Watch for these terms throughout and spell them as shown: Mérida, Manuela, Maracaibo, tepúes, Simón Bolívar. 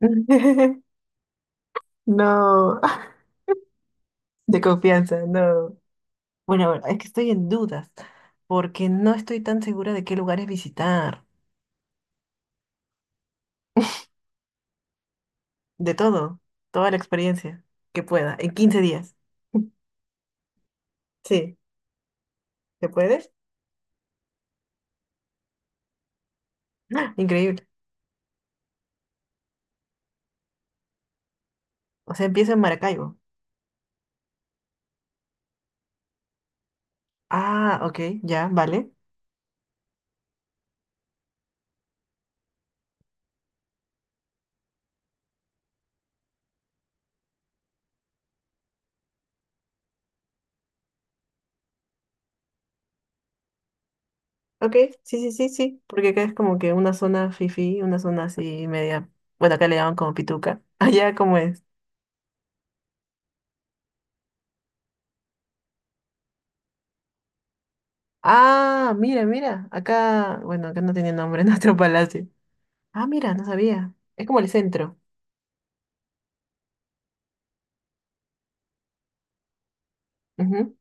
No, de confianza, no. Bueno, bueno, es que estoy en dudas, porque no estoy tan segura de qué lugares visitar. De todo, toda la experiencia que pueda, en 15 días. Sí, ¿se puede? Increíble. O sea, empiezo en Maracaibo. Ah, ok, ya, vale. Ok, sí, sí, sí, sí, porque acá es como que una zona fifí, una zona así media. Bueno, acá le llaman como pituca. Allá, ¿cómo es? Ah, mira, mira, acá, bueno, acá no tiene nombre nuestro palacio. Ah, mira, no sabía. Es como el centro. Ujú,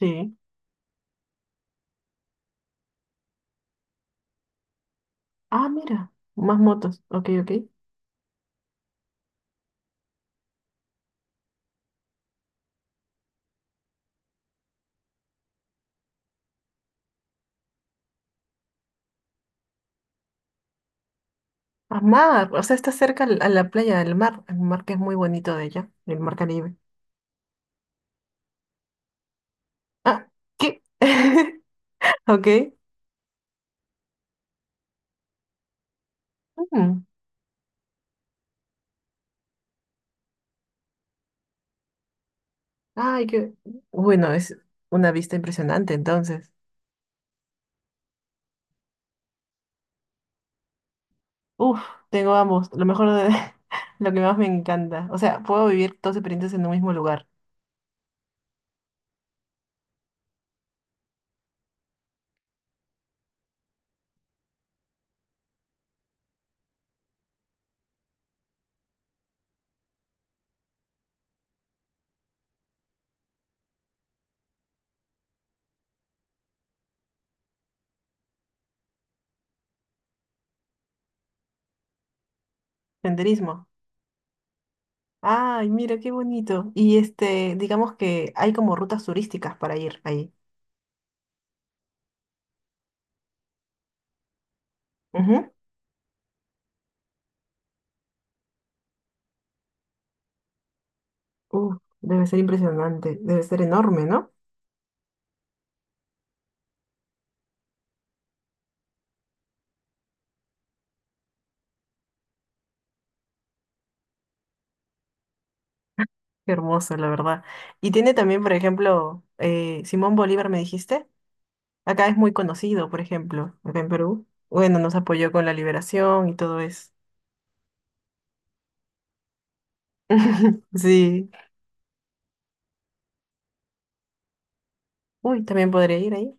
sí. Ah, mira. Más motos. Ok, ok. Ah, mar. O sea, está cerca al- a la playa del mar. El mar que es muy bonito de allá. El mar Caribe. Ah, ¿qué? Ok. Mm. Ay, qué. Bueno, es una vista impresionante entonces. Uf, tengo ambos. Lo mejor de lo que más me encanta. O sea, puedo vivir dos experiencias en un mismo lugar. Senderismo. Ay, mira qué bonito. Y este, digamos que hay como rutas turísticas para ir ahí. Ujú. Uf, debe ser impresionante, debe ser enorme, ¿no? Qué hermoso, la verdad. Y tiene también, por ejemplo, Simón Bolívar, me dijiste. Acá es muy conocido, por ejemplo, acá en Perú. Bueno, nos apoyó con la liberación y todo eso. Sí. Uy, también podré ir ahí.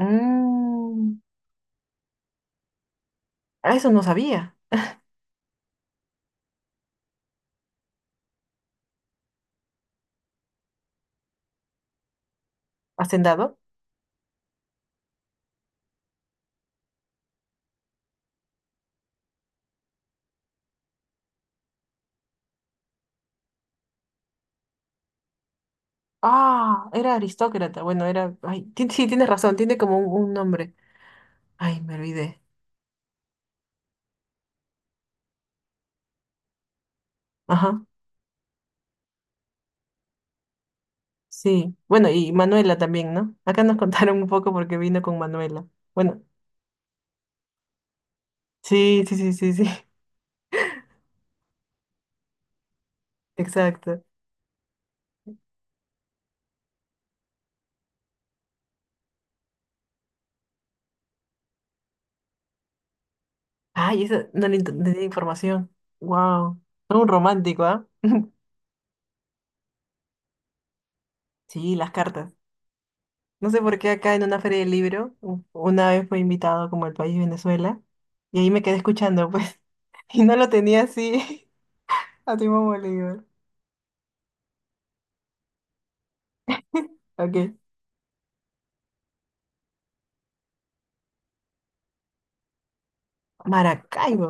Mm, ah, eso no sabía. ¿Hacendado? Ah, era aristócrata. Bueno, era. Ay, sí, tienes razón, tiene como un nombre. Ay, me olvidé. Ajá, sí. Bueno, y Manuela también, ¿no? Acá nos contaron un poco porque vino con Manuela. Bueno, sí, sí, sí, sí, sí. Exacto. Ay, eso no no tenía información. Wow. Todo un romántico, ¿ah? Sí, las cartas. No sé por qué acá en una feria del libro, una vez fue invitado como el país Venezuela, y ahí me quedé escuchando, pues, y no lo tenía así a Simón Bolívar. Ok. Maracaibo.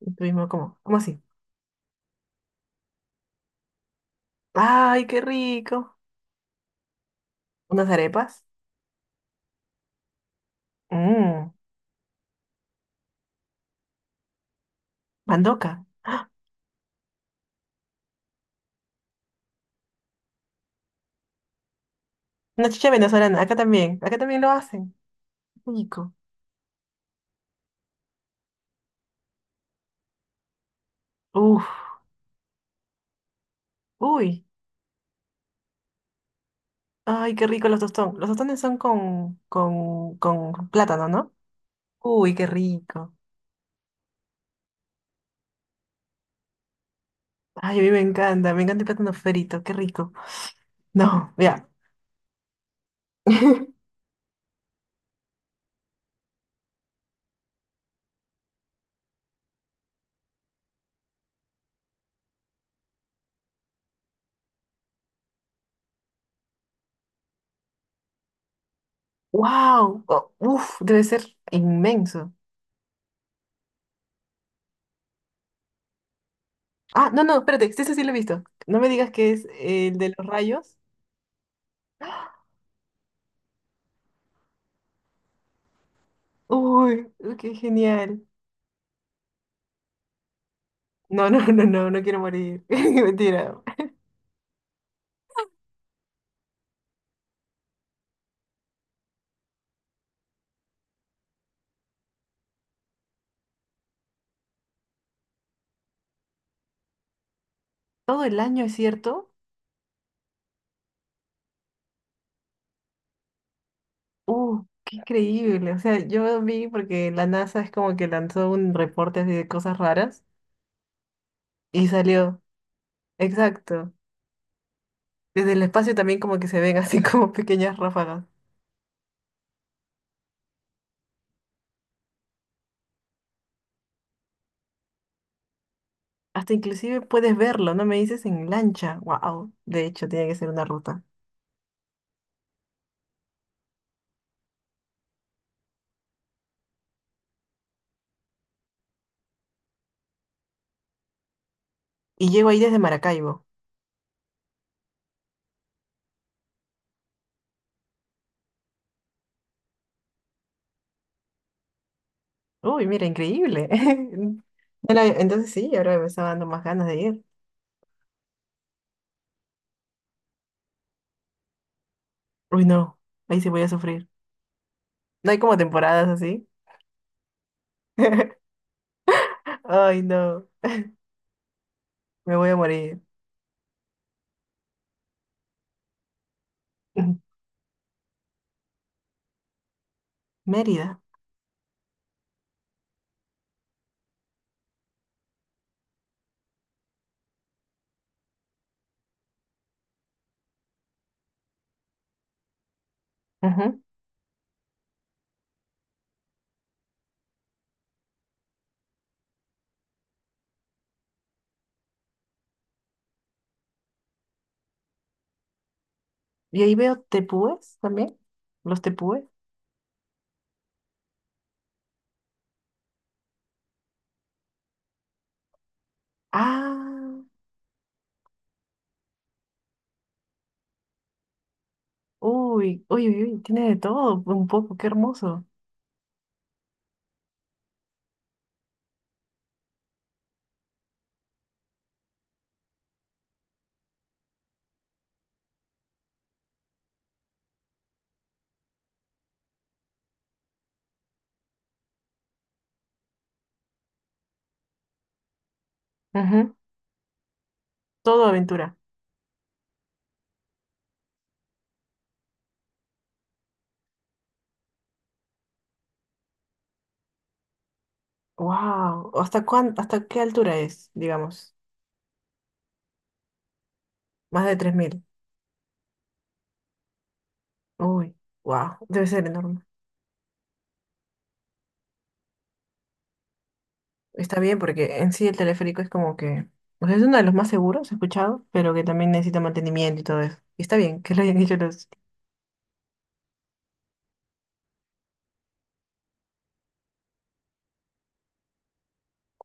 Y estuvimos como, ¿cómo así? ¡Ay, qué rico! Unas arepas. Mmm, mandoca. Una chicha venezolana. Acá también. Acá también lo hacen. Rico. Uf. Uy. Ay, qué rico los tostones. Los tostones son con plátano, ¿no? Uy, qué rico. Ay, a mí me encanta. Me encanta el plátano frito. Qué rico. No, ya. ¡Wow! Uf, debe ser inmenso. Ah, no, no, espérate, sí, ese sí lo he visto. No me digas que es el de los rayos. Uy, qué genial. No, no, no, no, no quiero morir. Mentira. Todo el año, ¿es cierto? Qué increíble. O sea, yo vi porque la NASA es como que lanzó un reporte así de cosas raras y salió. Exacto. Desde el espacio también como que se ven así como pequeñas ráfagas. Hasta inclusive puedes verlo, ¿no me dices? En lancha. Wow. De hecho, tiene que ser una ruta. Y llego ahí desde Maracaibo. Uy, mira, increíble. No la- Entonces sí, ahora me está dando más ganas de ir. Uy, no, ahí sí voy a sufrir. No hay como temporadas así. Ay, no, me voy a morir. Ujú. Mérida. Ujú. Y ahí veo tepúes también. Los tepúes. Ah, uy, uy, uy, uy, tiene de todo, un poco, qué hermoso. Ujú. Todo aventura. Wow. ¿Hasta qué altura es, digamos? Más de 3000. Uy, wow, debe ser enorme. Está bien porque en sí el teleférico es como que, o sea, es uno de los más seguros, he escuchado, pero que también necesita mantenimiento y todo eso. Y está bien que lo hayan hecho los...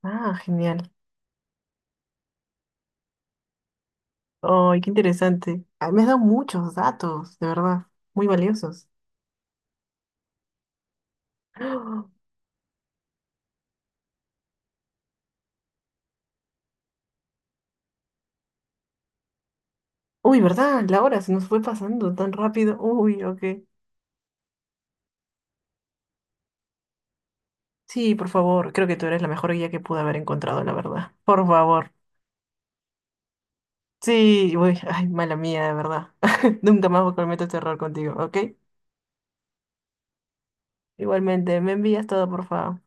Ah, genial. Ay, qué interesante. Ah, me has dado muchos datos, de verdad, muy valiosos. ¡Ah! Uy, ¿verdad? La hora se nos fue pasando tan rápido. Uy, ok. Sí, por favor, creo que tú eres la mejor guía que pude haber encontrado, la verdad. Por favor. Sí, uy, ay, mala mía, de verdad. Nunca más voy a cometer este error contigo, ¿ok? Igualmente, me envías todo, por favor.